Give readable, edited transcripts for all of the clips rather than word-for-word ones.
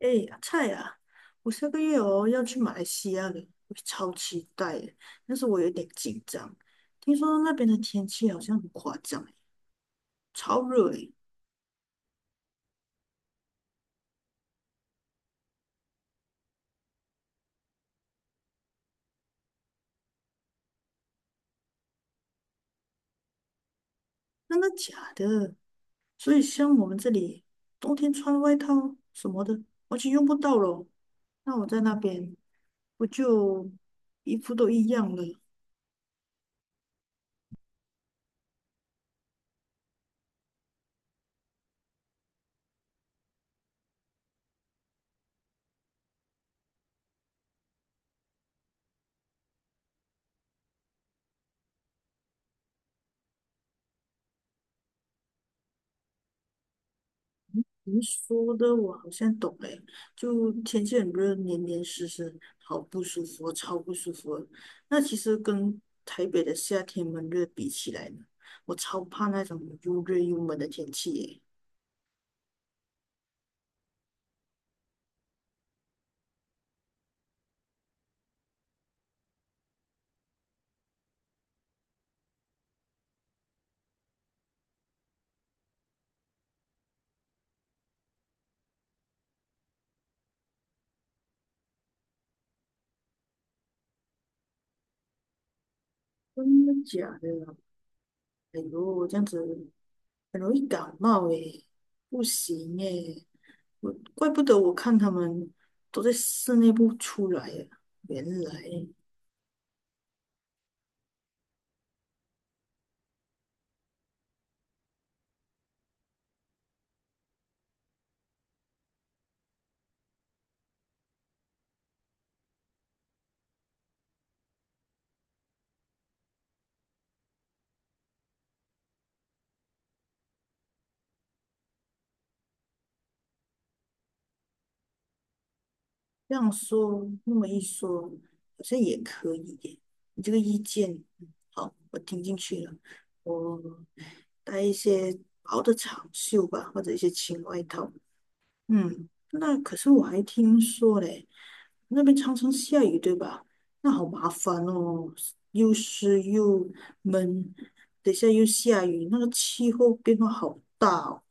哎呀，菜啊！我下个月哦要去马来西亚了，我超期待耶！但是我有点紧张，听说那边的天气好像很夸张耶，超热诶，真的假的？所以像我们这里冬天穿外套什么的完全用不到咯。那我在那边不就衣服都一样了？您说的我好像懂诶，就天气很热，黏黏湿湿，好不舒服哦超不舒服的。那其实跟台北的夏天闷热比起来呢，我超怕那种又热又闷的天气耶。真的假的啊？哎呦，这样子很容易感冒诶，不行诶，我怪不得我看他们都在室内不出来呀，原来。这样说，那么一说，好像也可以耶。你这个意见，嗯好，我听进去了。我带一些薄的长袖吧，或者一些轻外套。嗯，那可是我还听说嘞，那边常常下雨，对吧？那好麻烦哦，又湿又闷，等一下又下雨，那个气候变化好大哦，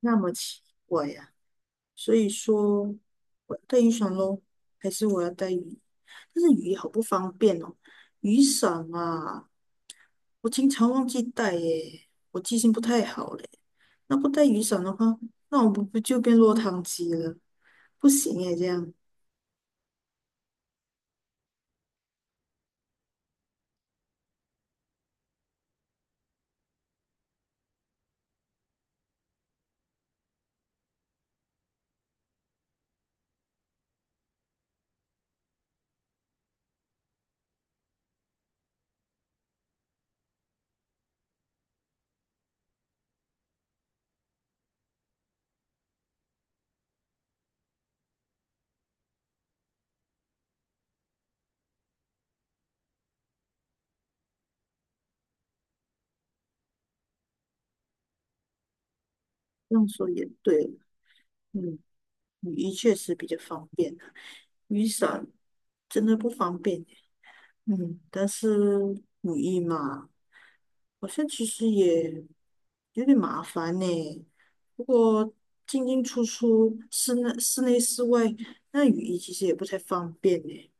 那么奇怪呀、所以说我要带雨伞咯，还是我要带雨？但是雨衣好不方便哦，雨伞啊，我经常忘记带耶，我记性不太好嘞。那不带雨伞的话，那我不就变落汤鸡了？不行耶，这样说也对。嗯，雨衣确实比较方便啊，雨伞真的不方便。嗯，但是雨衣嘛，好像其实也有点麻烦呢。不过进进出出室内、室外，那雨衣其实也不太方便呢。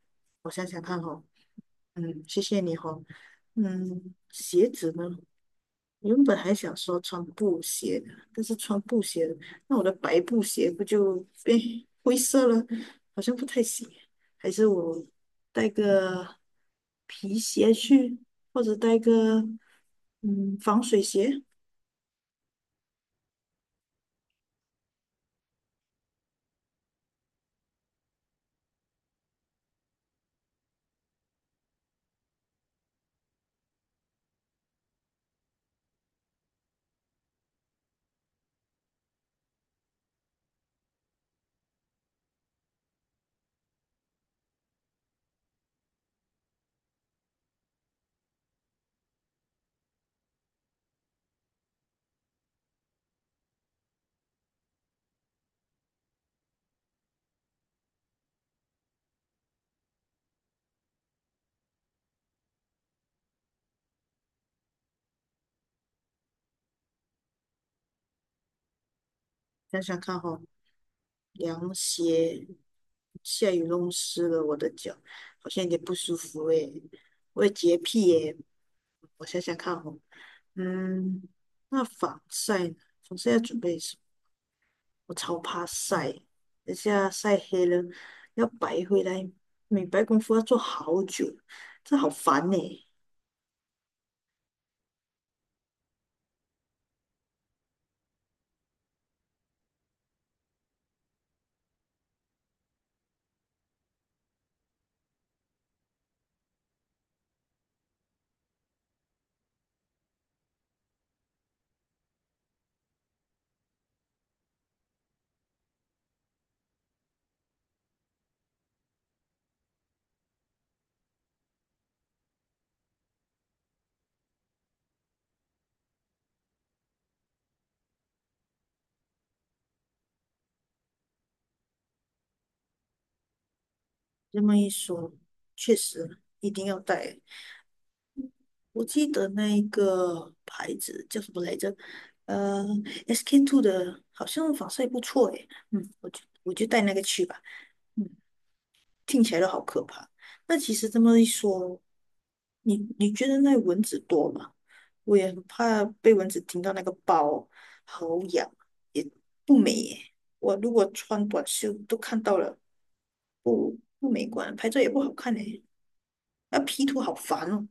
我想想看哦，嗯，谢谢你哦。嗯，鞋子呢？原本还想说穿布鞋的，但是穿布鞋那我的白布鞋不就变 灰色了？好像不太行。还是我带个皮鞋去，或者带个防水鞋。想想看哈、凉鞋，下雨弄湿了我的脚，好像有点不舒服诶。我有洁癖耶，我想想看哈、嗯，那防晒呢？防晒要准备什么？我超怕晒，等下晒黑了要白回来，美白功夫要做好久，这好烦呢、这么一说，确实一定要带。我记得那一个牌子叫什么来着？呃，SK2 的，好像防晒不错诶。嗯，我就带那个去吧。嗯。听起来都好可怕。那其实这么一说，你觉得那蚊子多吗？我也很怕被蚊子叮到那个包，好痒，也不美耶。我如果穿短袖都看到了，不美观，拍照也不好看诶。那 P 图好烦哦。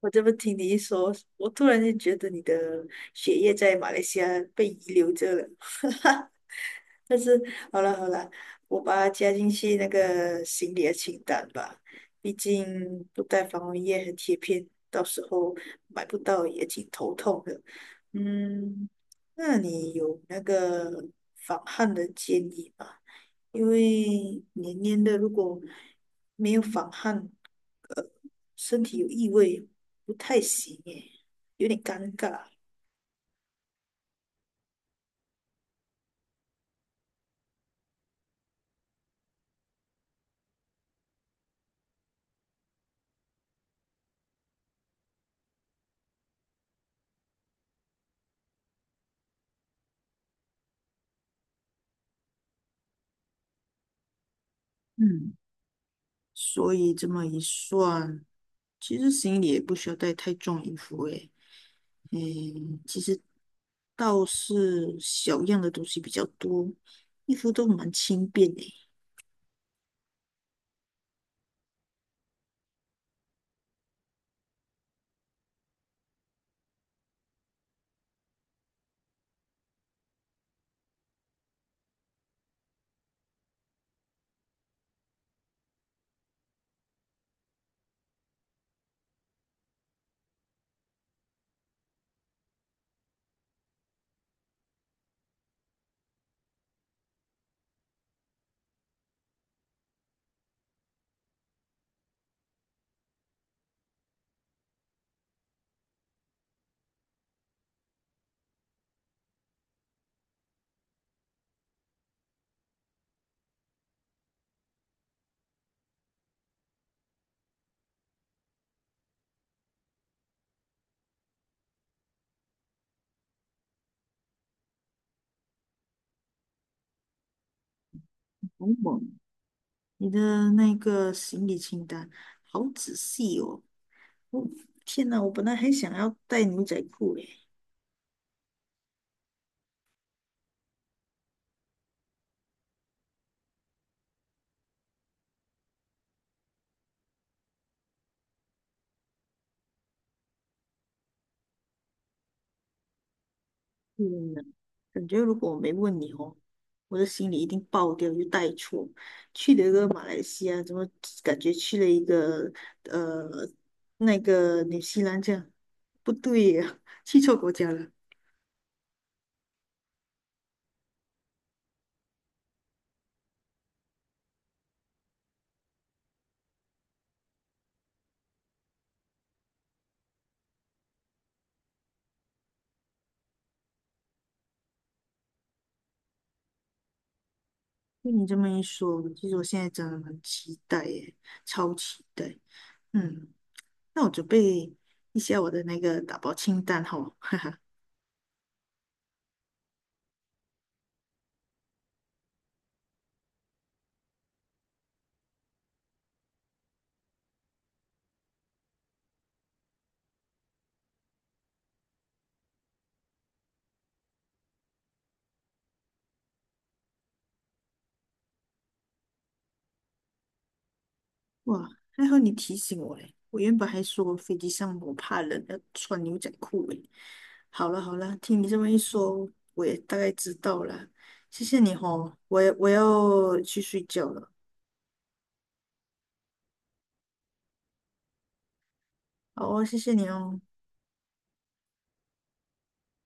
我这么听你一说，我突然间觉得你的血液在马来西亚被遗留着了。但是好了好了，我把它加进去那个行李的清单吧。毕竟不带防蚊液和贴片，到时候买不到也挺头痛的。嗯，那你有那个防汗的建议吗？因为黏黏的，如果没有防汗，呃，身体有异味，不太行耶，有点尴尬。嗯。所以这么一算，其实行李也不需要带太重衣服诶。嗯，其实倒是小样的东西比较多，衣服都蛮轻便诶。萌萌，你的那个行李清单好仔细哦。哦，天哪，我本来还想要带牛仔裤诶。嗯，感觉如果我没问你哦，我的心里一定爆掉，就带错。去了一个马来西亚，怎么感觉去了一个呃那个纽西兰这样？不对呀，去错国家了。被你这么一说，其实我现在真的很期待耶，超期待。嗯，那我准备一下我的那个打包清单哈。哇，还好你提醒我嘞！我原本还说飞机上我怕冷，要穿牛仔裤嘞。好了好了，听你这么一说，我也大概知道了。谢谢你哦，我要去睡觉了。好哦，谢谢你哦。